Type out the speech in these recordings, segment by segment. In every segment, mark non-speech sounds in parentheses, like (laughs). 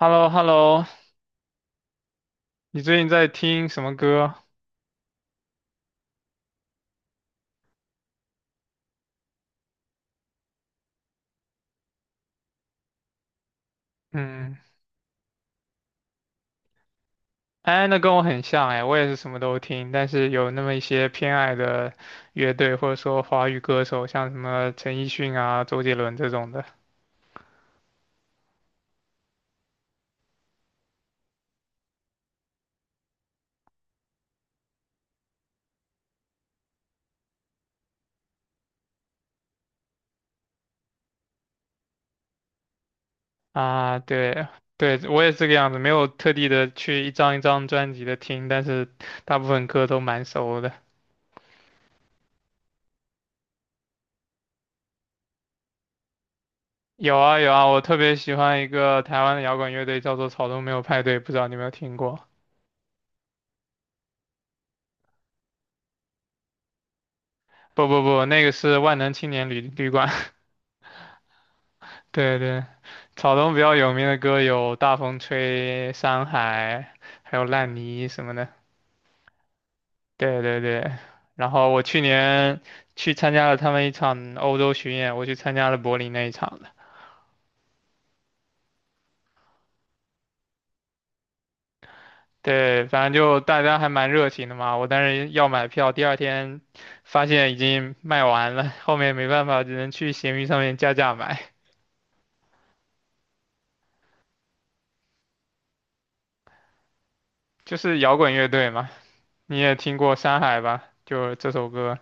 h e l l o h e l l o 你最近在听什么歌？嗯，哎，那跟我很像哎，我也是什么都听，但是有那么一些偏爱的乐队或者说华语歌手，像什么陈奕迅啊、周杰伦这种的啊，对。对，我也是这个样子，没有特地的去一张一张专辑的听，但是大部分歌都蛮熟的。有啊有啊，我特别喜欢一个台湾的摇滚乐队，叫做草东没有派对，不知道你有没有听过？不不不，那个是万能青年旅馆。对对，草东比较有名的歌有《大风吹》《山海》，还有《烂泥》什么的。对对对，然后我去年去参加了他们一场欧洲巡演，我去参加了柏林那一场的。对，反正就大家还蛮热情的嘛。我当时要买票，第二天发现已经卖完了，后面没办法，只能去闲鱼上面加价买。就是摇滚乐队嘛，你也听过《山海》吧？就这首歌。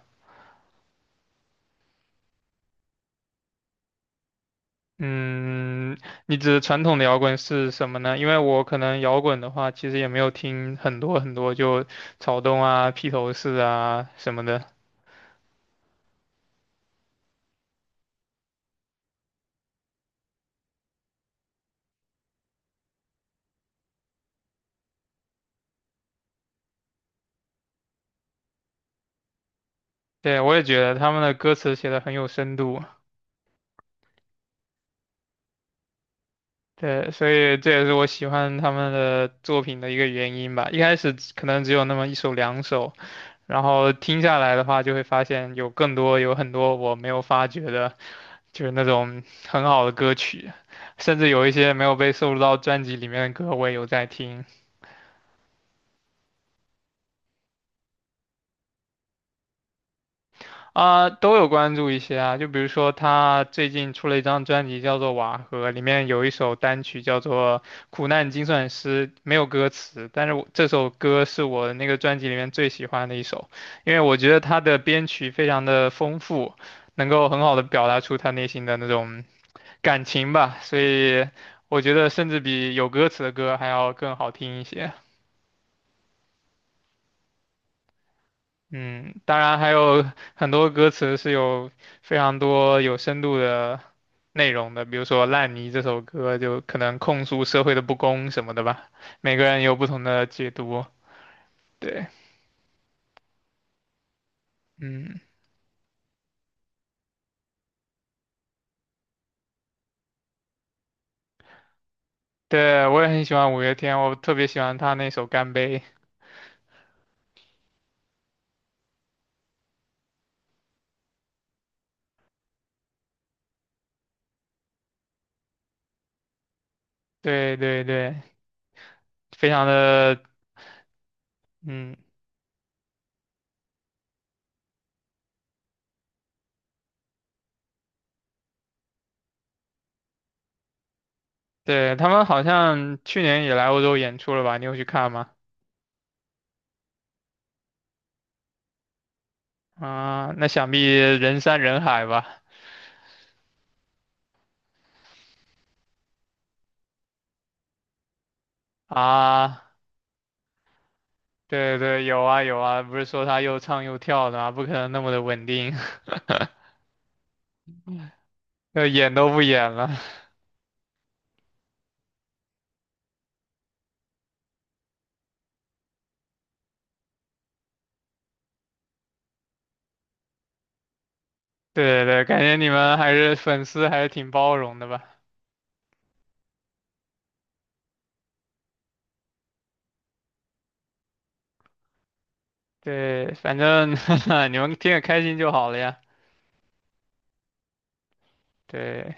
嗯，你指传统的摇滚是什么呢？因为我可能摇滚的话，其实也没有听很多很多，就草东啊、披头士啊什么的。对，我也觉得他们的歌词写的很有深度。对，所以这也是我喜欢他们的作品的一个原因吧。一开始可能只有那么一首两首，然后听下来的话，就会发现有更多有很多我没有发掘的，就是那种很好的歌曲，甚至有一些没有被收录到专辑里面的歌，我也有在听啊，都有关注一些啊。就比如说他最近出了一张专辑叫做《瓦合》，里面有一首单曲叫做《苦难精算师》，没有歌词，但是我这首歌是我那个专辑里面最喜欢的一首，因为我觉得他的编曲非常的丰富。能够很好的表达出他内心的那种感情吧，所以我觉得甚至比有歌词的歌还要更好听一些。嗯，当然还有很多歌词是有非常多有深度的内容的，比如说《烂泥》这首歌就可能控诉社会的不公什么的吧，每个人有不同的解读。对，嗯，对，我也很喜欢五月天，我特别喜欢他那首《干杯》。对对对，非常的，嗯，对，他们好像去年也来欧洲演出了吧？你有去看吗？啊，那想必人山人海吧？啊，对对，有啊有啊，不是说他又唱又跳的吗？不可能那么的稳定，(laughs) 就演都不演了。(laughs) 对对，感觉你们还是粉丝还是挺包容的吧？对，反正 (laughs) 你们听着开心就好了呀。对，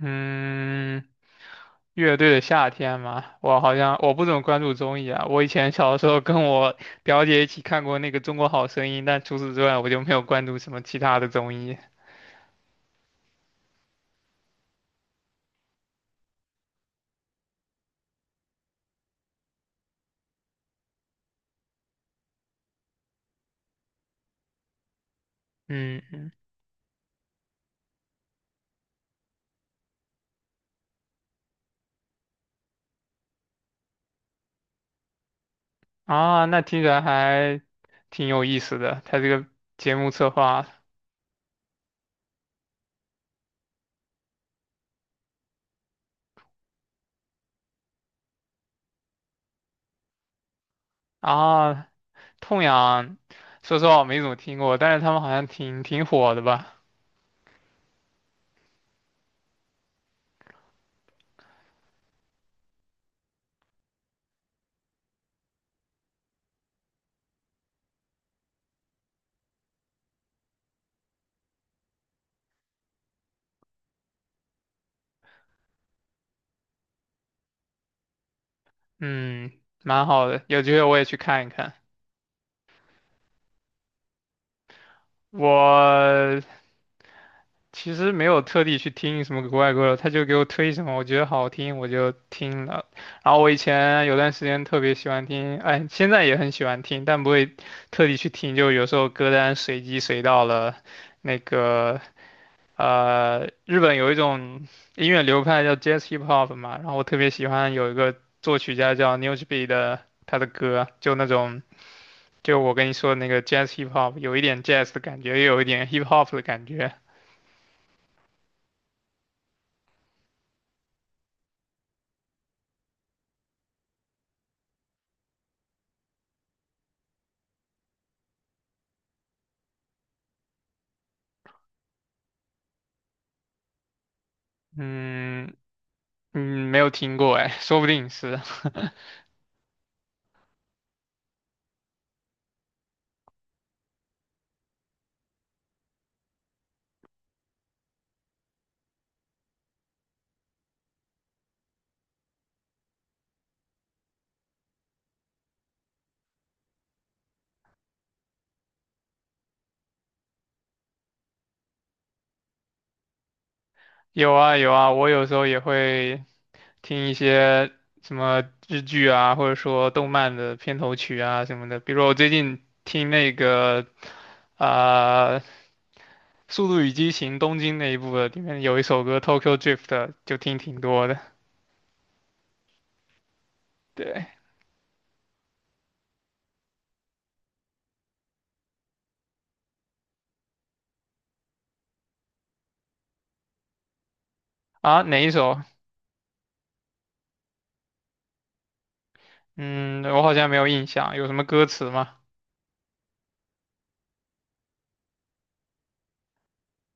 嗯，乐队的夏天嘛，我好像我不怎么关注综艺啊。我以前小的时候跟我表姐一起看过那个《中国好声音》，但除此之外我就没有关注什么其他的综艺。嗯。啊，那听起来还挺有意思的。他这个节目策划啊，痛痒，说实话我没怎么听过，但是他们好像挺火的吧？嗯，蛮好的，有机会我也去看一看。我其实没有特地去听什么国外歌手，他就给我推什么，我觉得好听我就听了。然后我以前有段时间特别喜欢听，哎，现在也很喜欢听，但不会特地去听，就有时候歌单随机随到了那个。日本有一种音乐流派叫 Jazz Hip Hop 嘛，然后我特别喜欢有一个作曲家叫 Newsby 的他的歌，就那种就我跟你说的那个 Jazz Hip Hop,有一点 Jazz 的感觉，又有一点 Hip Hop 的感觉。嗯嗯，没有听过哎，说不定是。(laughs) 有啊有啊，我有时候也会听一些什么日剧啊，或者说动漫的片头曲啊什么的。比如我最近听那个啊、呃《速度与激情：东京》那一部的，里面有一首歌《Tokyo Drift》,就听挺多的。对啊，哪一首？嗯，我好像没有印象，有什么歌词吗？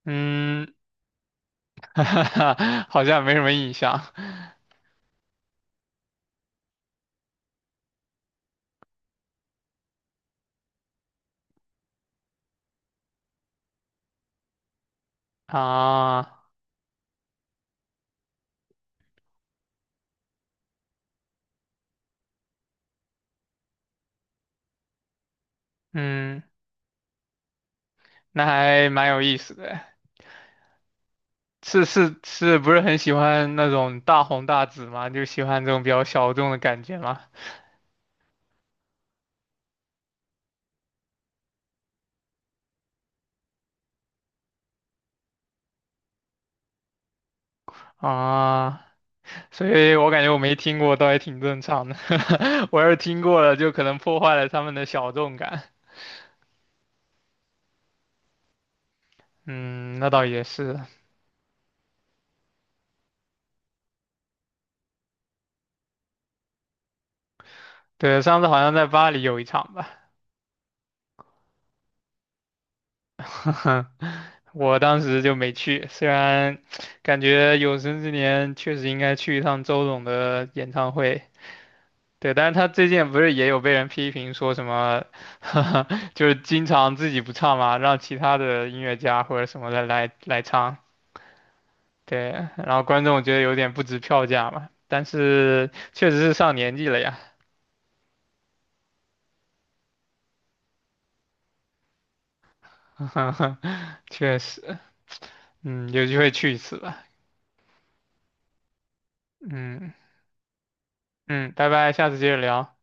嗯，(laughs) 好像没什么印象啊。嗯，那还蛮有意思的。是是是，不是很喜欢那种大红大紫嘛？就喜欢这种比较小众的感觉嘛？啊，所以我感觉我没听过，倒也挺正常的。(laughs) 我要是听过了，就可能破坏了他们的小众感。嗯，那倒也是。对，上次好像在巴黎有一场吧，(laughs) 我当时就没去。虽然感觉有生之年确实应该去一趟周董的演唱会，对，但是他最近不是也有被人批评说什么，(laughs) 就是经常自己不唱嘛，让其他的音乐家或者什么的来唱，对，然后观众觉得有点不值票价嘛。但是确实是上年纪了呀，(laughs) 确实，嗯，有机会去一次吧，嗯。嗯，拜拜，下次接着聊。